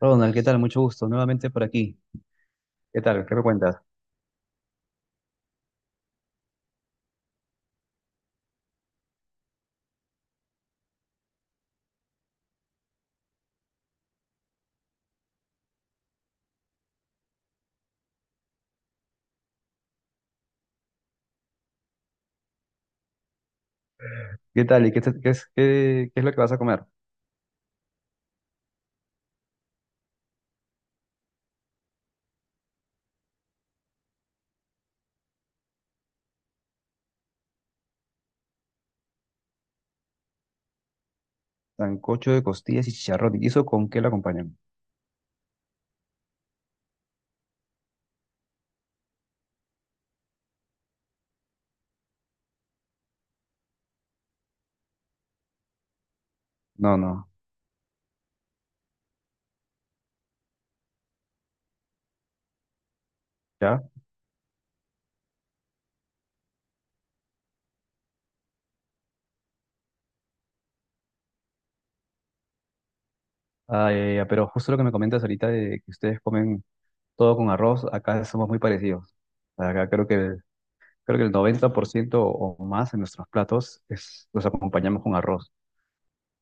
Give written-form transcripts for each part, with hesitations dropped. Ronald, ¿qué tal? Mucho gusto, nuevamente por aquí. ¿Qué tal? ¿Qué me cuentas? ¿Qué tal? ¿Y qué, te- qué es, qué, qué es lo que vas a comer? Sancocho de costillas y chicharrón. ¿Y eso con qué lo acompañan? No, no. ¿Ya? Ah, ya, ya, ya, pero justo lo que me comentas ahorita de que ustedes comen todo con arroz, acá somos muy parecidos. Acá creo que el 90% o más en nuestros platos es, los acompañamos con arroz.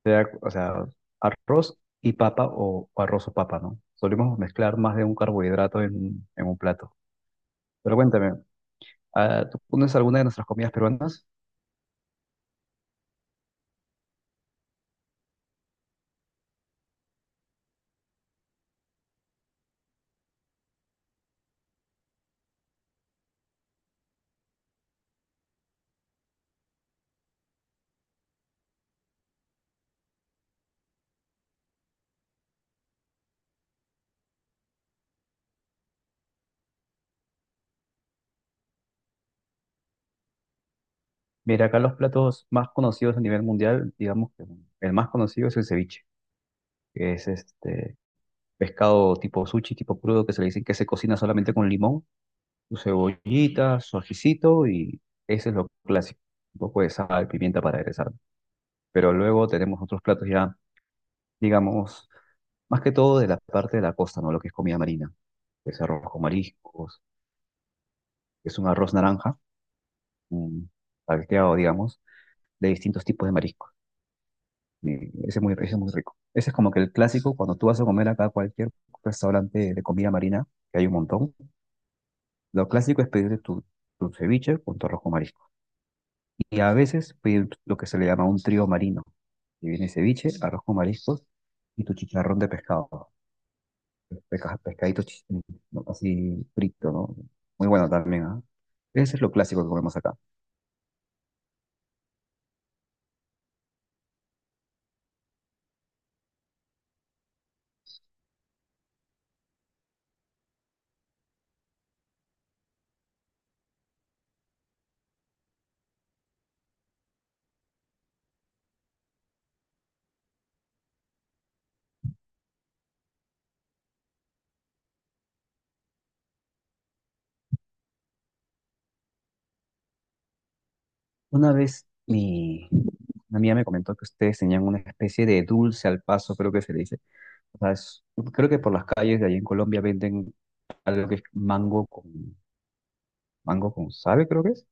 O sea, arroz y papa o arroz o papa, ¿no? Solemos mezclar más de un carbohidrato en un plato. Pero cuéntame. Ah, ¿tú conoces alguna de nuestras comidas peruanas? Mira, acá los platos más conocidos a nivel mundial, digamos que el más conocido es el ceviche, que es este pescado tipo sushi, tipo crudo, que se le dicen que se cocina solamente con limón, su cebollita, su ajicito y ese es lo clásico, un poco de sal, pimienta para aderezar. Pero luego tenemos otros platos ya, digamos, más que todo de la parte de la costa, ¿no? Lo que es comida marina, que es arroz con mariscos, que es un arroz naranja, mm, salteado, digamos, de distintos tipos de mariscos. Y ese es muy rico. Ese es como que el clásico, cuando tú vas a comer acá a cualquier restaurante de comida marina, que hay un montón, lo clásico es pedirte tu ceviche con tu arroz con marisco. Y a veces pedir lo que se le llama un trío marino, que viene ceviche, arroz con mariscos y tu chicharrón de pescado. Pescadito ¿no? así frito, ¿no? Muy bueno también, ¿ah? Ese es lo clásico que comemos acá. Una vez una amiga me comentó que ustedes tenían una especie de dulce al paso, creo que se le dice. O sea, creo que por las calles de allí en Colombia venden algo que es mango con, sabe, creo que es.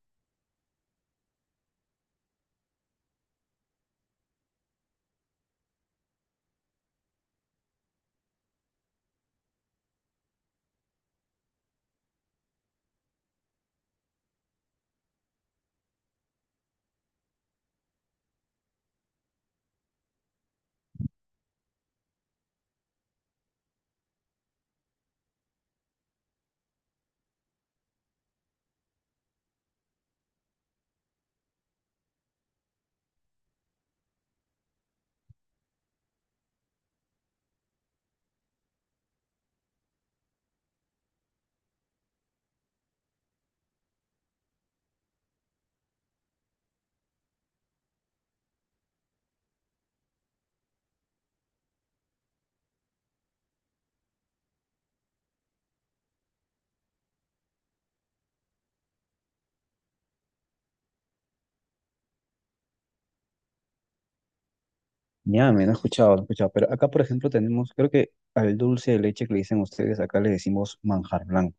Ya, me no he escuchado. Pero acá, por ejemplo, tenemos, creo que al dulce de leche que le dicen ustedes, acá le decimos manjar blanco.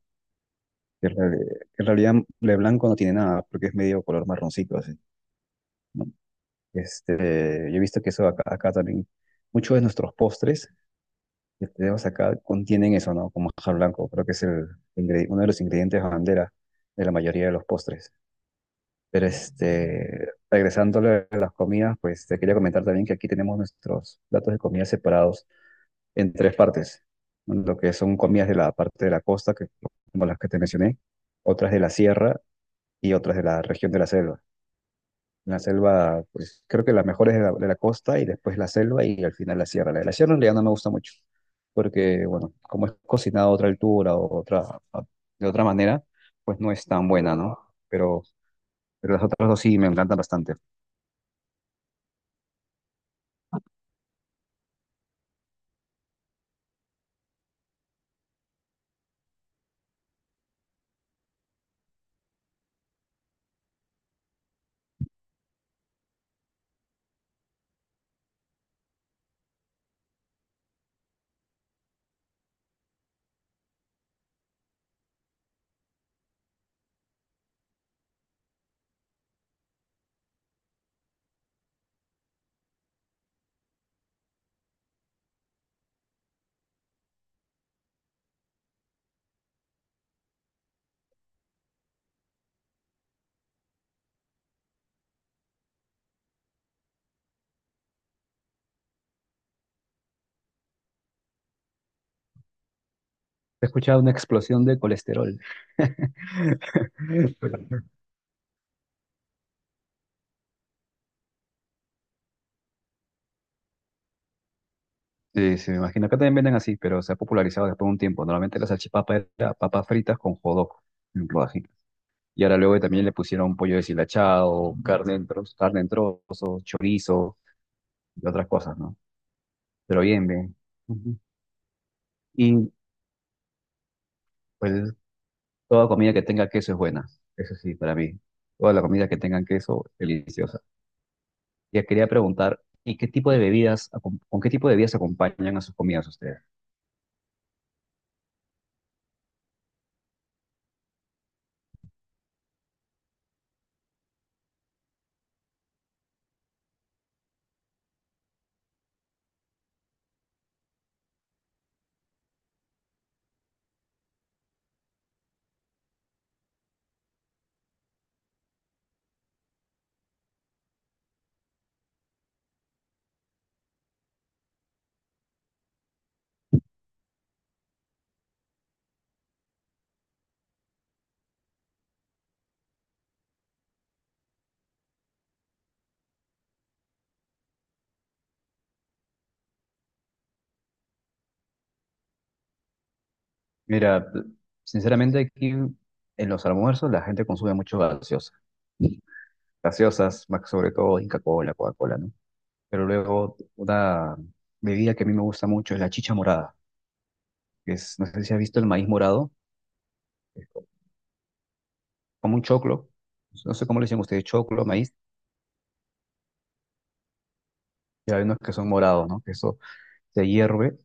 Que en realidad de blanco no tiene nada, porque es medio color marroncito, así, ¿no? Este, yo he visto que eso acá también, muchos de nuestros postres que tenemos acá contienen eso, ¿no? Como manjar blanco, creo que es el uno de los ingredientes bandera de la mayoría de los postres. Pero este, regresándole a las comidas, pues te quería comentar también que aquí tenemos nuestros platos de comida separados en tres partes. ¿No? Lo que son comidas de la parte de la costa, que, como las que te mencioné, otras de la sierra y otras de la región de la selva. La selva, pues creo que la mejor es de la costa y después la selva y al final la sierra. La de la sierra en realidad no me gusta mucho, porque bueno, como es cocinada a otra altura o otra, a- de otra manera, pues no es tan buena, ¿no? Pero, pero las otras dos sí me encantan bastante. He escuchado una explosión de colesterol. Sí, sí, me imagino. Acá también venden así, pero se ha popularizado después de un tiempo. Normalmente la salchipapa era papas fritas con jodoc en rodajitas. Y ahora luego también le pusieron pollo deshilachado, carne en trozos, chorizo y otras cosas, ¿no? Pero bien, bien. Ujú. Y pues toda comida que tenga queso es buena. Eso sí, para mí. Toda la comida que tenga queso es deliciosa. Ya quería preguntar, ¿y qué tipo de bebidas, acom- con qué tipo de bebidas acompañan a sus comidas ustedes? Mira, sinceramente aquí en los almuerzos la gente consume mucho gaseosa. Gaseosas, más sobre todo Inca Cola, Coca-Cola, ¿no? Pero luego una bebida que a mí me gusta mucho es la chicha morada, que es, no sé si has visto el maíz morado, es como un choclo, no sé cómo le dicen ustedes, choclo, maíz, y hay unos que son morados, ¿no? Que eso se hierve,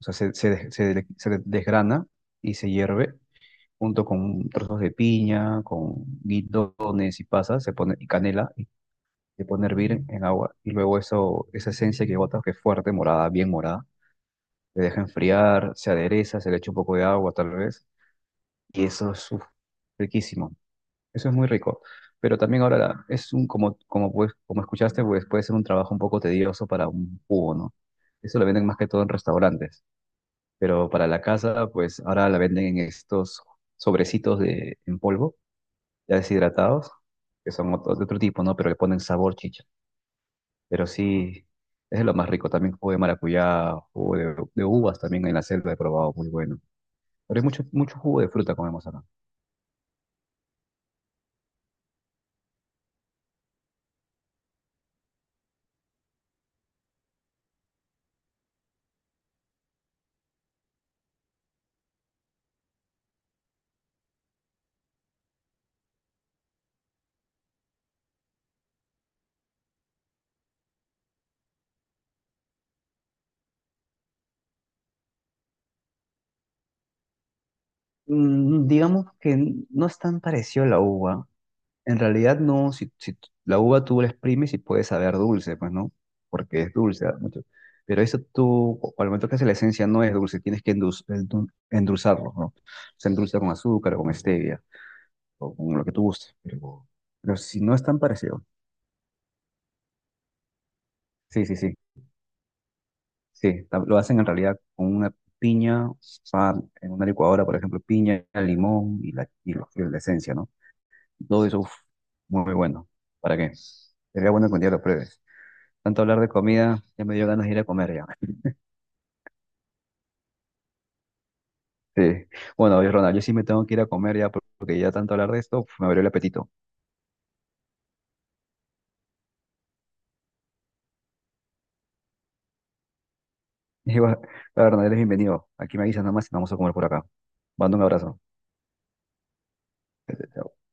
o sea, se desgrana y se hierve junto con trozos de piña, con guidones y pasas, se pone y canela se pone a hervir en agua y luego eso, esa esencia que botas, que es fuerte, morada, bien morada, se deja enfriar, se adereza, se le echa un poco de agua tal vez y eso es uf, riquísimo. Eso es muy rico. Pero también ahora es un, como, pues, como escuchaste, pues puede ser un trabajo un poco tedioso para un jugo, ¿no? Eso lo venden más que todo en restaurantes, pero para la casa, pues ahora la venden en estos sobrecitos de, en polvo, ya deshidratados, que son otro, de otro tipo, ¿no? Pero le ponen sabor chicha. Pero sí, es lo más rico. También jugo de maracuyá, jugo de uvas también en la selva he probado, muy bueno. Pero hay mucho, mucho jugo de fruta comemos acá. Mm, digamos que no es tan parecido a la uva. En realidad no, si la uva tú la exprimes y puede saber dulce, pues no, porque es dulce. Ah, mucho. Pero eso tú, o- al momento que hace la esencia no es dulce, tienes que endulzarlo, ¿no? Se endulza con azúcar o con stevia o con lo que tú gustes, pero si no es tan parecido. Sí, sí, sí. Sí, lo hacen en realidad con una piña, o sea, en una licuadora, por ejemplo, piña, limón y la, y la esencia, ¿no? Todo eso, uf, muy bueno. ¿Para qué? Sería bueno que un día lo pruebes. Tanto hablar de comida, ya me dio ganas de ir a comer ya. Sí. Bueno, oye, Ronald, yo sí me tengo que ir a comer ya porque ya tanto hablar de esto, uf, me abrió el apetito. Y bueno, Ronald, eres bienvenido. Aquí me avisas nada más y vamos a comer por acá. Mando un abrazo.